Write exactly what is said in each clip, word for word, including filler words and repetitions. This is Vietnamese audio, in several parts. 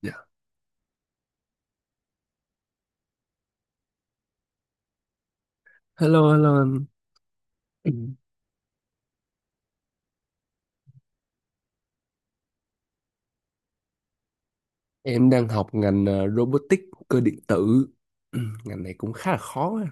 Dạ. Hello, hello anh. Ừ. Em đang học ngành ờ, robotics cơ điện tử. Ừ, ngành này cũng khá là khó á.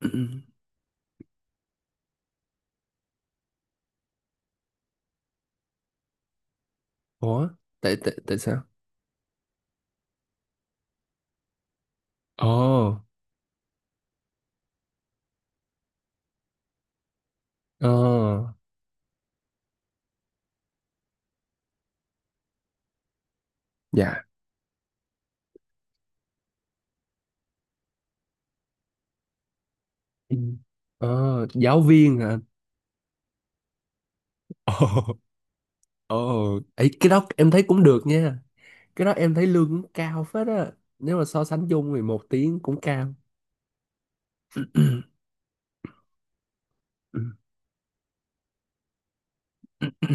Ừ, ừ. Ủa? Tại tại tại sao? Ồ, ờ, dạ. Ừ. Ờ, giáo viên hả anh? Ồ, ồ, ấy cái đó em thấy cũng được nha. Cái đó em thấy lương cũng cao phết á. Nếu mà so sánh chung thì một tiếng cũng cao. Ừ, ừ, ừ, ừ,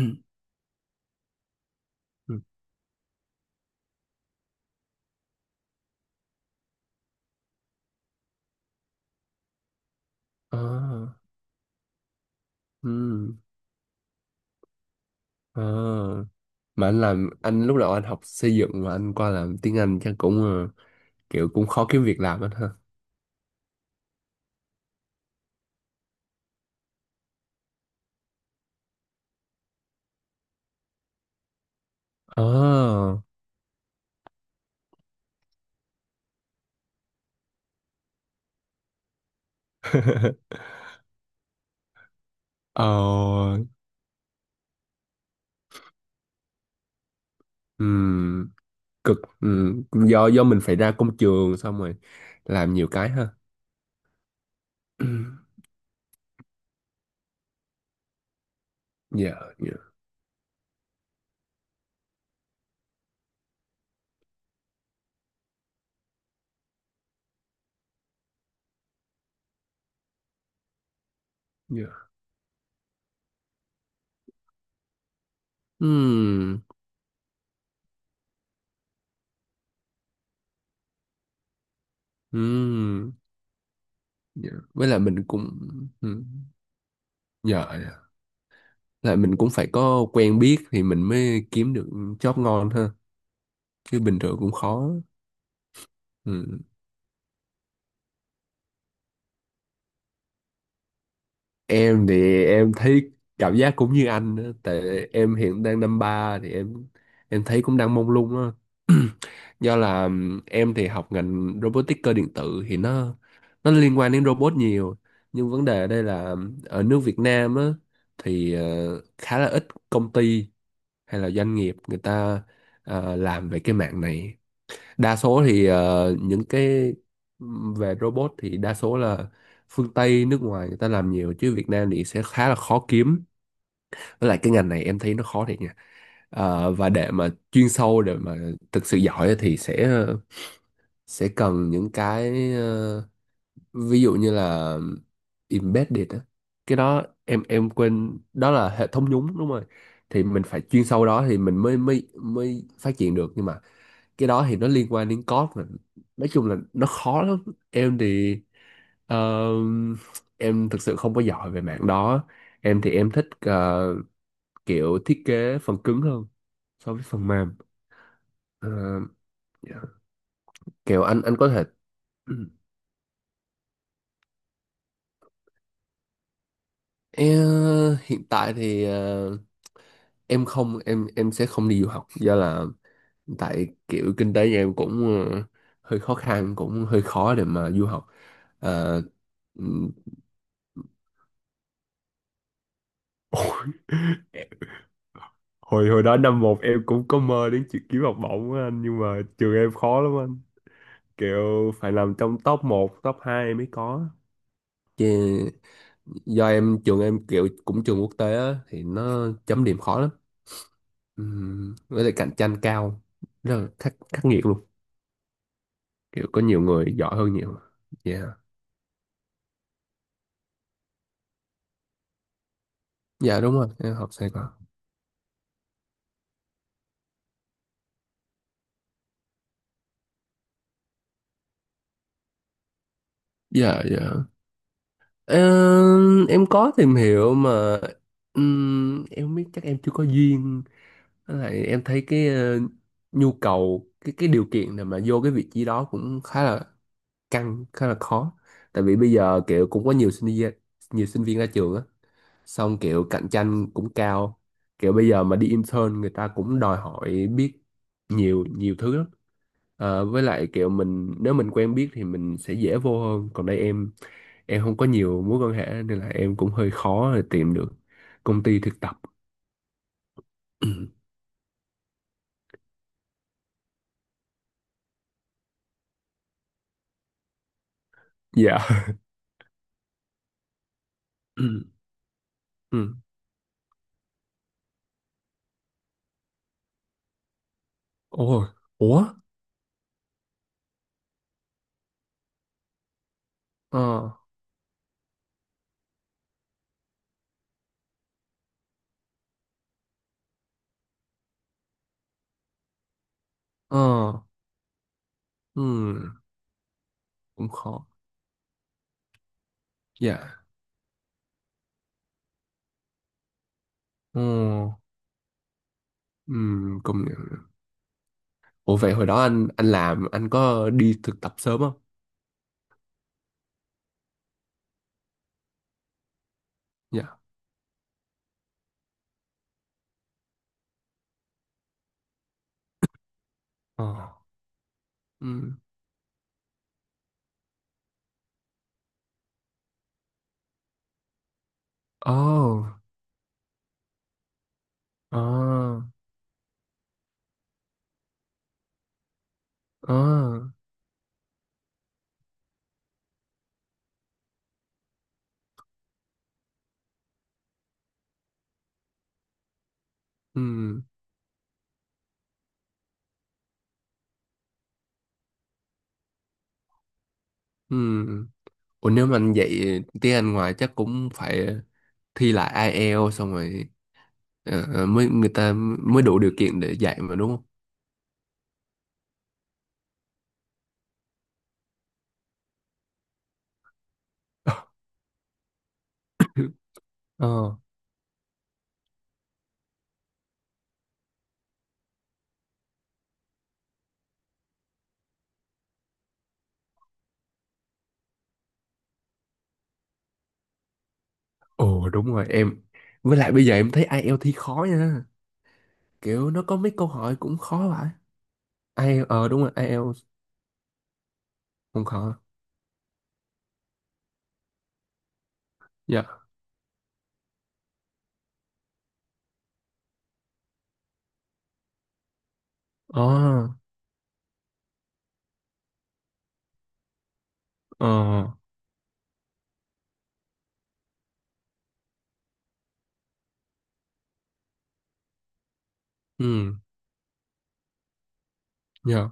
ừ. Ờ, ừ, ờ. Mà anh làm, anh lúc đầu anh học xây dựng mà anh qua làm tiếng Anh chắc cũng ờ, kiểu cũng khó kiếm việc làm anh ha. Ờ. Ờ. Ừm, cực. Ừm, do do mình phải ra công trường xong rồi làm nhiều cái ha. Dạ. Dạ. Dạ. Ừm. Ừm. Dạ, với lại mình cũng ừm, dạ dạ, lại mình cũng phải có quen biết thì mình mới kiếm được job ngon ha, chứ bình thường cũng khó. Ừ. Em thì em thấy cảm giác cũng như anh á, tại em hiện đang năm ba thì em em thấy cũng đang mông lung á. Do là ừm, em thì học ngành robotic cơ điện tử thì nó nó liên quan đến robot nhiều, nhưng vấn đề ở đây là ừm, ở nước Việt Nam á thì ờ, khá là ít công ty hay là doanh nghiệp người ta ờ, làm về cái mạng này. Đa số thì ờ, những cái về robot thì đa số là phương Tây nước ngoài người ta làm nhiều, chứ Việt Nam thì sẽ khá là khó kiếm. Với lại cái ngành này em thấy nó khó thiệt nha. Ờ, và để mà chuyên sâu để mà thực sự giỏi thì sẽ sẽ cần những cái ờ, ví dụ như là embedded á. Cái đó em em quên, đó là hệ thống nhúng, đúng rồi. Thì mình phải chuyên sâu đó thì mình mới mới mới phát triển được, nhưng mà cái đó thì nó liên quan đến code mà, nói chung là nó khó lắm. Em thì ờ, em thực sự không có giỏi về mảng đó. Em thì em thích ờ, kiểu thiết kế phần cứng hơn so với phần mềm. Ờ, dạ. Kiểu anh anh có thể em, hiện tại thì ờ, em không, em em sẽ không đi du học do là tại kiểu kinh tế nhà em cũng ờ, hơi khó khăn, cũng hơi khó để mà du học. Ờ, ừm. hồi hồi đó năm một em cũng có mơ đến chuyện kiếm học bổng á anh, nhưng mà trường em khó lắm anh, kiểu phải nằm trong top một top hai mới có. Chứ do em trường em kiểu cũng trường quốc tế á, thì nó chấm điểm khó lắm. Ừm, với lại cạnh tranh cao, rất là khắc, khắc nghiệt luôn. Kiểu có nhiều người giỏi hơn nhiều. Dạ. Dạ đúng rồi, em học Sài Gòn. Dạ, dạ. Ờ, em có tìm hiểu mà ừm, em biết chắc em chưa có duyên. Với lại em thấy cái ờ, nhu cầu cái cái điều kiện để mà vô cái vị trí đó cũng khá là căng, khá là khó. Tại vì bây giờ kiểu cũng có nhiều sinh viên, nhiều sinh viên ra trường á, xong kiểu cạnh tranh cũng cao, kiểu bây giờ mà đi intern người ta cũng đòi hỏi biết nhiều nhiều thứ lắm. Ờ, với lại kiểu mình nếu mình quen biết thì mình sẽ dễ vô hơn, còn đây em em không có nhiều mối quan hệ nên là em cũng hơi khó để tìm được công ty thực tập. Dạ. Ừ. Ôi, ủa? Ờ, ờ, ừm, cũng khó. Dạ, ồ, ừm, công nhận. Ủa vậy hồi đó anh anh làm, anh có đi thực tập sớm không? Dạ, ờ, ừm, ồ, ờ, ờ, ừm, ừm. Ủa nếu mà anh dạy tiếng Anh ngoài chắc cũng phải thi lại ai eo xong rồi ờ, ờ, mới người ta mới đủ điều kiện để dạy mà đúng không? Ờ, ồ đúng rồi em. Với lại bây giờ em thấy ai eo thi khó nha, kiểu nó có mấy câu hỏi cũng khó vậy. ai eo, ờ đúng rồi, ai eo cũng khó. Dạ. Ờ. Ờ. Ừ. Dạ.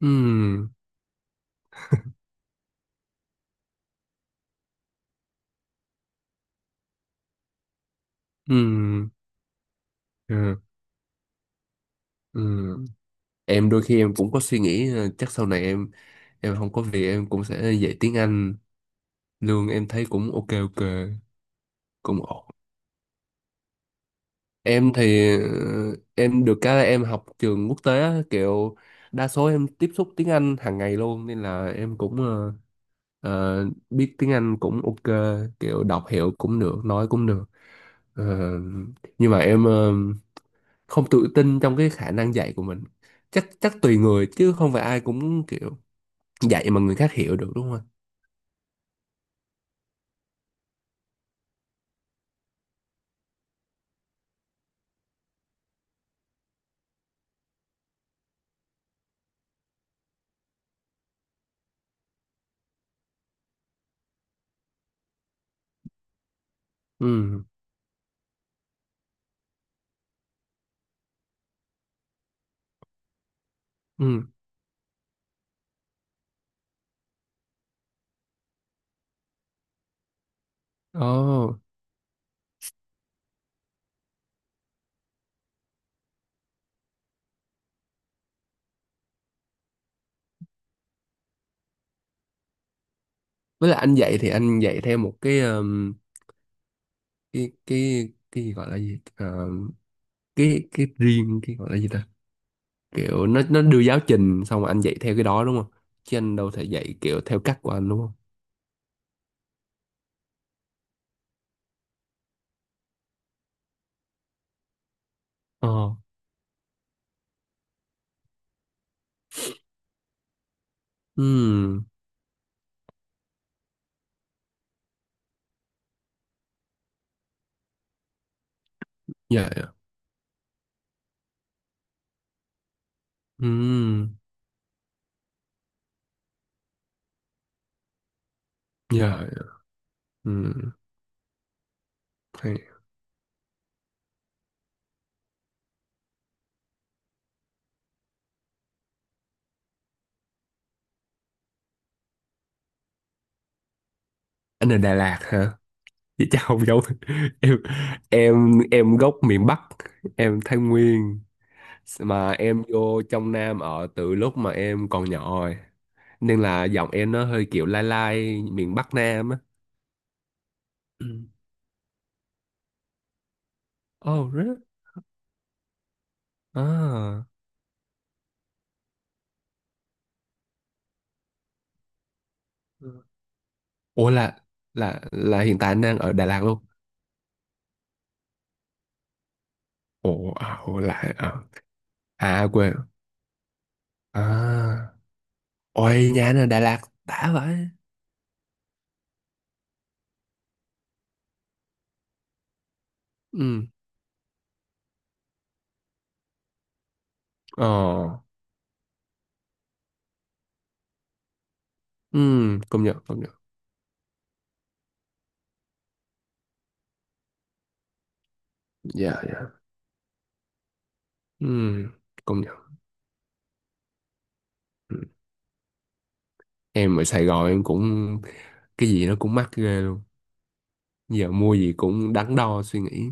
Ừ. Ừ. Ừ. Ừ. Em đôi khi em cũng có suy nghĩ ờ, chắc sau này em em không có việc em cũng sẽ dạy tiếng Anh, lương em thấy cũng ok ok. Cũng ổn. Em thì ờ, em được cái là em học trường quốc tế á, kiểu đa số em tiếp xúc tiếng Anh hàng ngày luôn, nên là em cũng ờ, ờ, biết tiếng Anh cũng ok, kiểu đọc hiểu cũng được, nói cũng được. Ờ, nhưng mà em ờ, không tự tin trong cái khả năng dạy của mình. Chắc chắc tùy người chứ không phải ai cũng kiểu dạy mà người khác hiểu được đúng không anh? Ừ. Ừ. Ồ, với lại anh dạy thì anh dạy theo một cái ờm, cái cái cái gọi là gì, ờ, cái cái riêng cái gọi là gì ta, kiểu nó nó đưa giáo trình xong rồi anh dạy theo cái đó đúng không, chứ anh đâu thể dạy kiểu theo cách của anh đúng không? Ờ. Ừ. Dạ dạ. Ừm, dạ dạ. Ừm, hay. Anh ở Đà Lạt hả? Vậy chắc không giống em, em em gốc miền Bắc, em Thái Nguyên, mà em vô trong Nam ở từ lúc mà em còn nhỏ rồi. Nên là giọng em nó hơi kiểu lai lai miền Bắc Nam á. Ừm. Oh, really? À. Ừ. Ủa là là là hiện tại anh đang ở Đà Lạt luôn. Ủa, à, ủa là à, à quên. À. Ôi nhà anh ở Đà Lạt đã vậy. Ừ. Ờ, ừm, công nhận, công nhận. Dạ, dạ. Ừm, công nhận. Ừm. Em ở Sài Gòn em cũng cái gì nó cũng mắc ghê luôn. Giờ mua gì cũng đắn đo suy nghĩ.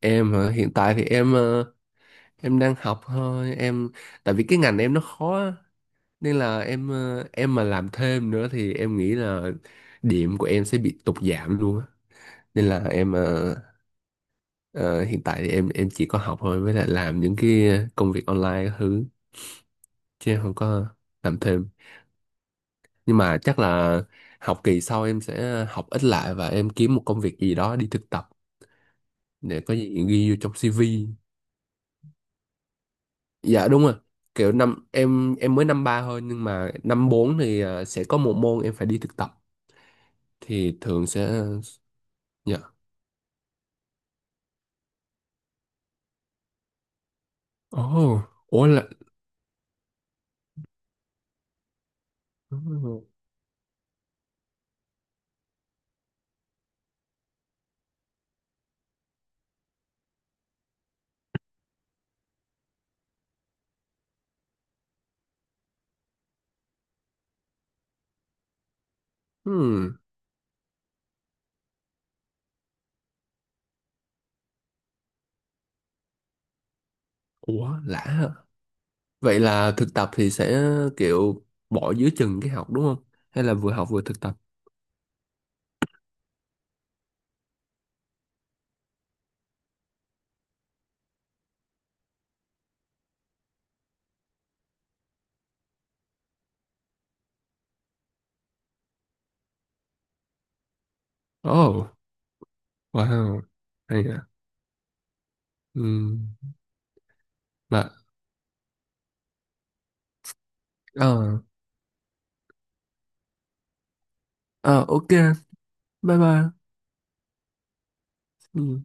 Em hả? Hiện tại thì em ờ, em đang học thôi. Em tại vì cái ngành em nó khó á, nên là em ờ, em mà làm thêm nữa thì em nghĩ là điểm của em sẽ bị tụt giảm luôn á. Nên là em ờ, ờ, hiện tại thì em em chỉ có học thôi, với lại làm những cái công việc online các thứ, chứ không có làm thêm. Nhưng mà chắc là học kỳ sau em sẽ học ít lại và em kiếm một công việc gì đó đi thực tập, để có gì ghi vô trong si vi. Dạ đúng rồi, kiểu năm em em mới năm ba thôi nhưng mà năm bốn thì à, sẽ có một môn em phải đi thực tập thì thường sẽ dạ. Ồ. Ủa là hmm. Ủa lạ hả? Vậy là thực tập thì sẽ kiểu bỏ giữa chừng cái học đúng không, hay là vừa học vừa thực tập? Ồ, wow, hay à. Ừ. Mà ờ, ờ ok, bye bye. Ừ.